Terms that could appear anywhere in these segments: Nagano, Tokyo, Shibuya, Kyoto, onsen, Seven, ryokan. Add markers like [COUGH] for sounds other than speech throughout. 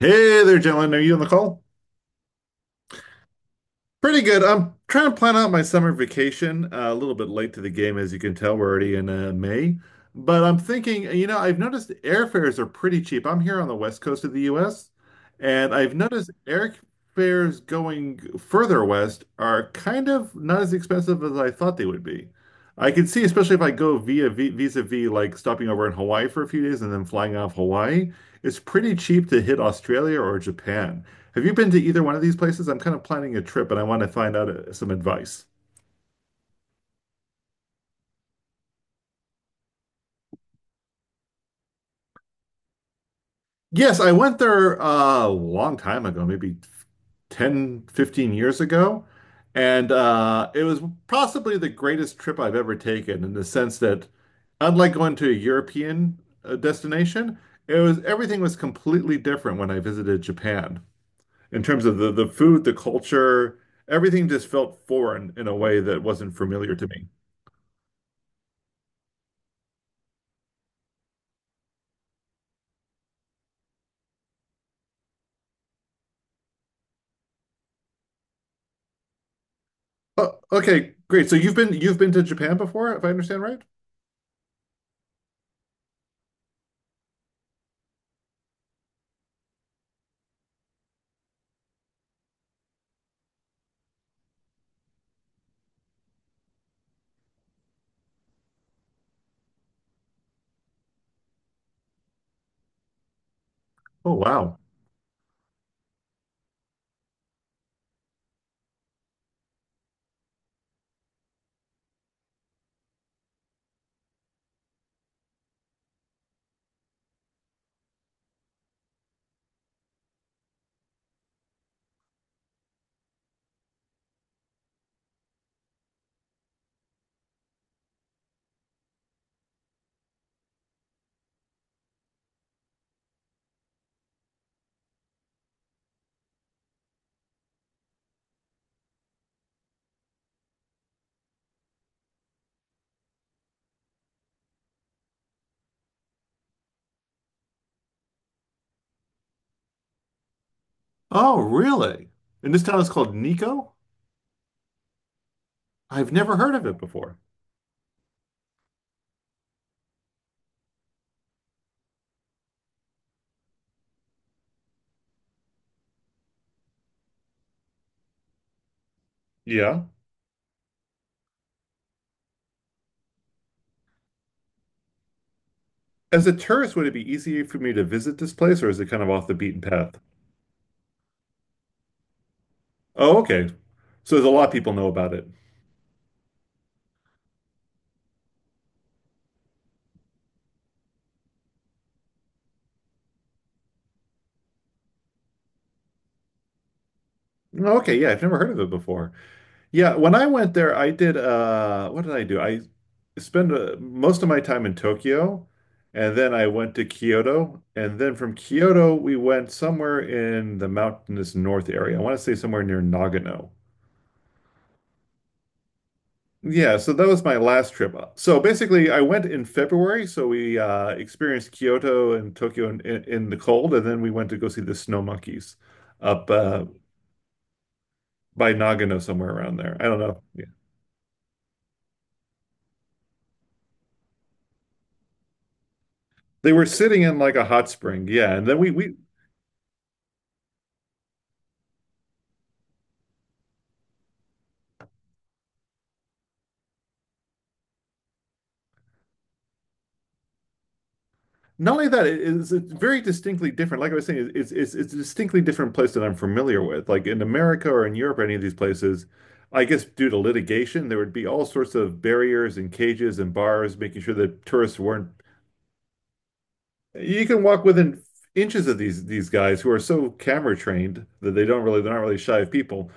Hey there, gentlemen. Are you on the call? Pretty good. I'm trying to plan out my summer vacation. A little bit late to the game, as you can tell. We're already in May. But I'm thinking, you know, I've noticed airfares are pretty cheap. I'm here on the west coast of the US, and I've noticed airfares going further west are kind of not as expensive as I thought they would be. I can see, especially if I go vis-a-vis like stopping over in Hawaii for a few days and then flying off Hawaii, it's pretty cheap to hit Australia or Japan. Have you been to either one of these places? I'm kind of planning a trip and I want to find out some advice. Yes, I went there a long time ago, maybe 10, 15 years ago. And it was possibly the greatest trip I've ever taken in the sense that, unlike going to a European destination, it was everything was completely different when I visited Japan in terms of the food, the culture, everything just felt foreign in a way that wasn't familiar to me. Oh, okay, great. So you've been to Japan before, if I understand right? Oh, wow. Oh, really? And this town is called Nico? I've never heard of it before. Yeah. As a tourist, would it be easier for me to visit this place or is it kind of off the beaten path? Oh, okay. So there's a lot of people know about it. Okay, yeah, I've never heard of it before. Yeah, when I went there, I did what did I do? I spent most of my time in Tokyo and then I went to Kyoto and then from Kyoto we went somewhere in the mountainous north area. I want to say somewhere near Nagano. Yeah, so that was my last trip up. So basically, I went in February. So we experienced Kyoto and Tokyo in the cold, and then we went to go see the snow monkeys up by Nagano, somewhere around there. I don't know. Yeah. They were sitting in like a hot spring. Yeah, and then we not only that, it is it's very distinctly different. Like I was saying, it's a distinctly different place that I'm familiar with. Like in America or in Europe, or any of these places. I guess due to litigation, there would be all sorts of barriers and cages and bars, making sure that tourists weren't. You can walk within inches of these guys who are so camera trained that they're not really shy of people.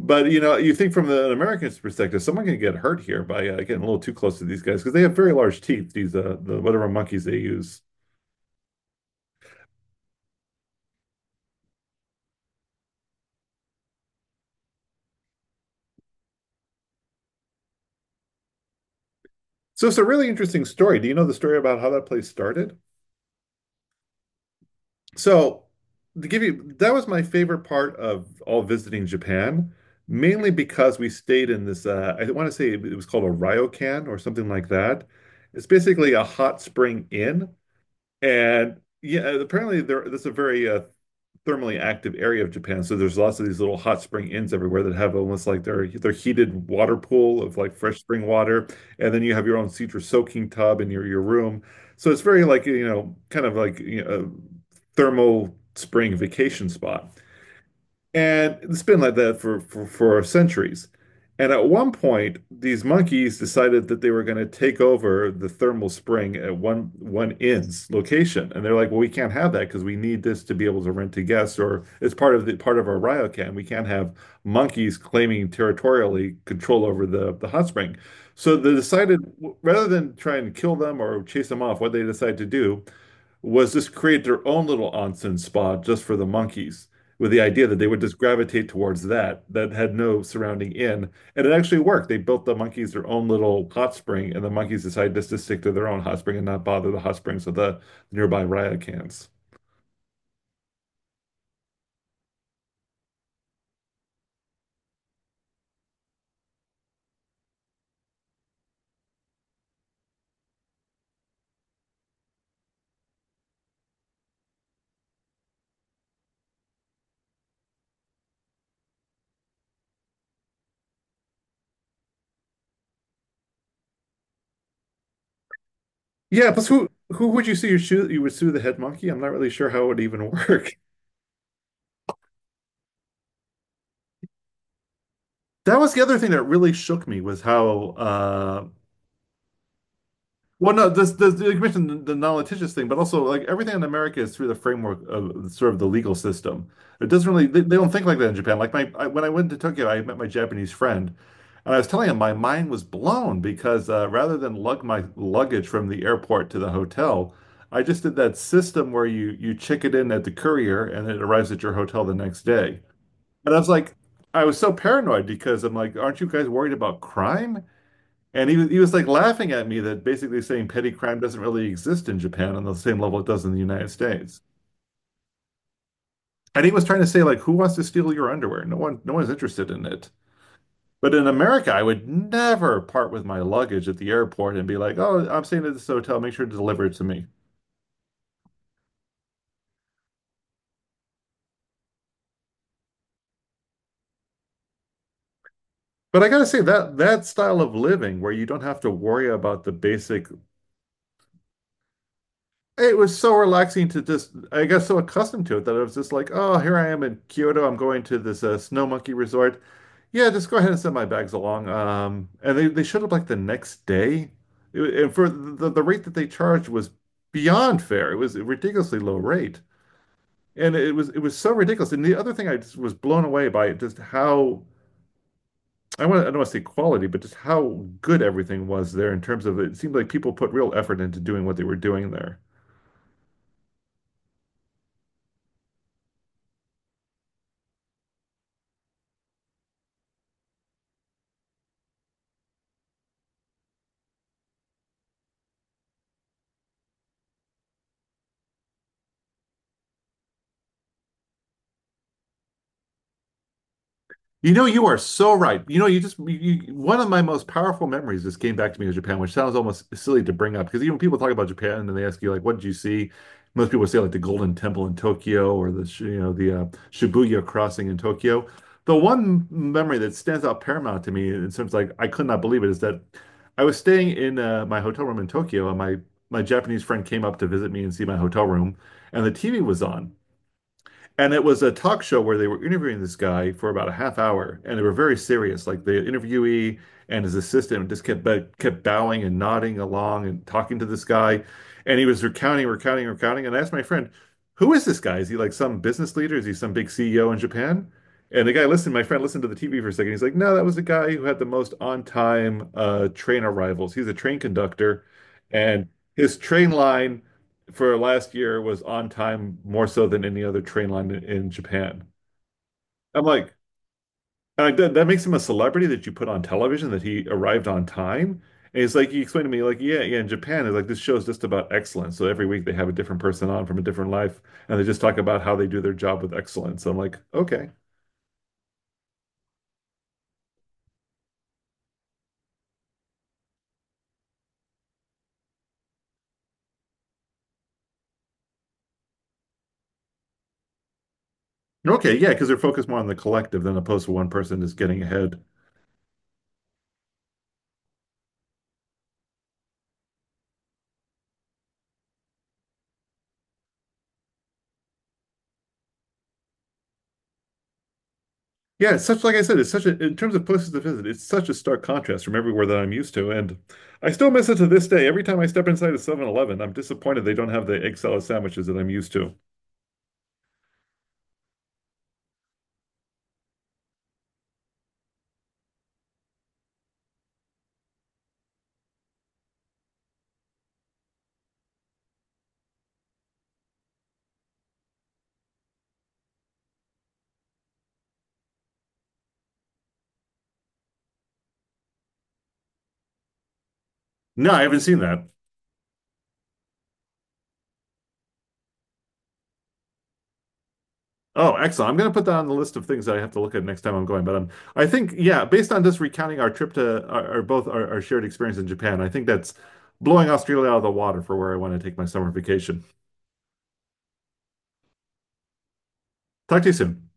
But you know, you think from an American's perspective, someone can get hurt here by getting a little too close to these guys because they have very large teeth. These the whatever monkeys they use. So it's a really interesting story. Do you know the story about how that place started? So, to give you, that was my favorite part of all visiting Japan, mainly because we stayed in this, I want to say it was called a ryokan or something like that. It's basically a hot spring inn and yeah, apparently there that's a very thermally active area of Japan. So there's lots of these little hot spring inns everywhere that have almost like their heated water pool of like fresh spring water, and then you have your own secret soaking tub in your room. So it's very like kind of like, a thermal spring vacation spot. And it's been like that for centuries. And at one point, these monkeys decided that they were going to take over the thermal spring at one inn's location. And they're like, well, we can't have that because we need this to be able to rent to guests, or it's part of our RioCan. We can't have monkeys claiming territorially control over the hot spring. So they decided, rather than try and kill them or chase them off, what they decided to do was just create their own little onsen spa just for the monkeys, with the idea that they would just gravitate towards that, that had no surrounding inn. And it actually worked. They built the monkeys their own little hot spring, and the monkeys decided just to stick to their own hot spring and not bother the hot springs of the nearby riot cans. Yeah, plus who would you sue? You shoot? You would sue the head monkey? I'm not really sure how it would even work. [LAUGHS] That was the other thing that really shook me was how Well, no, this you mentioned the non-litigious thing, but also like everything in America is through the framework of sort of the legal system. It doesn't really. They don't think like that in Japan. Like when I went to Tokyo, I met my Japanese friend, and I was telling him my mind was blown because rather than lug my luggage from the airport to the hotel, I just did that system where you check it in at the courier and it arrives at your hotel the next day. And I was like, I was so paranoid because I'm like, aren't you guys worried about crime? And he was like laughing at me that basically saying petty crime doesn't really exist in Japan on the same level it does in the United States. And he was trying to say like, who wants to steal your underwear? No one's interested in it. But in America, I would never part with my luggage at the airport and be like, oh, I'm staying at this hotel. Make sure to deliver it to me. But I gotta say that that style of living where you don't have to worry about the basic. It was so relaxing to just, I got so accustomed to it that I was just like, oh, here I am in Kyoto. I'm going to this Snow Monkey Resort. Yeah, just go ahead and send my bags along. And they showed up like the next day. It wa- and for the rate that they charged was beyond fair. It was a ridiculously low rate. And it was so ridiculous. And the other thing I just was blown away by just how I don't want to say quality, but just how good everything was there in terms of it seemed like people put real effort into doing what they were doing there. You know, you are so right. You just one of my most powerful memories just came back to me of Japan, which sounds almost silly to bring up because even when people talk about Japan and they ask you like, "What did you see?" Most people say like the Golden Temple in Tokyo or the sh- you know the Shibuya crossing in Tokyo. The one memory that stands out paramount to me in terms of, like I could not believe it is that I was staying in my hotel room in Tokyo and my Japanese friend came up to visit me and see my hotel room and the TV was on. And it was a talk show where they were interviewing this guy for about a half hour, and they were very serious. Like the interviewee and his assistant just kept bowing and nodding along and talking to this guy, and he was recounting, recounting, recounting. And I asked my friend, "Who is this guy? Is he like some business leader? Is he some big CEO in Japan?" And the guy listened. My friend listened to the TV for a second. He's like, "No, that was the guy who had the most on-time train arrivals. He's a train conductor, and his train line" for last year was on time more so than any other train line in Japan. I'm like, that makes him a celebrity that you put on television that he arrived on time. And it's like he explained to me, like, yeah, yeah, in Japan, it's like this show's just about excellence. So every week they have a different person on from a different life, and they just talk about how they do their job with excellence. So I'm like, okay, okay, yeah, because they're focused more on the collective than opposed to one person just getting ahead. Yeah, it's such like I said, it's such a in terms of places to visit, it's such a stark contrast from everywhere that I'm used to. And I still miss it to this day. Every time I step inside a Seven I'm disappointed they don't have the egg salad sandwiches that I'm used to. No, I haven't seen that. Oh, excellent. I'm going to put that on the list of things that I have to look at next time I'm going. But I think, yeah, based on just recounting our trip to our both our shared experience in Japan, I think that's blowing Australia out of the water for where I want to take my summer vacation. Talk to you soon.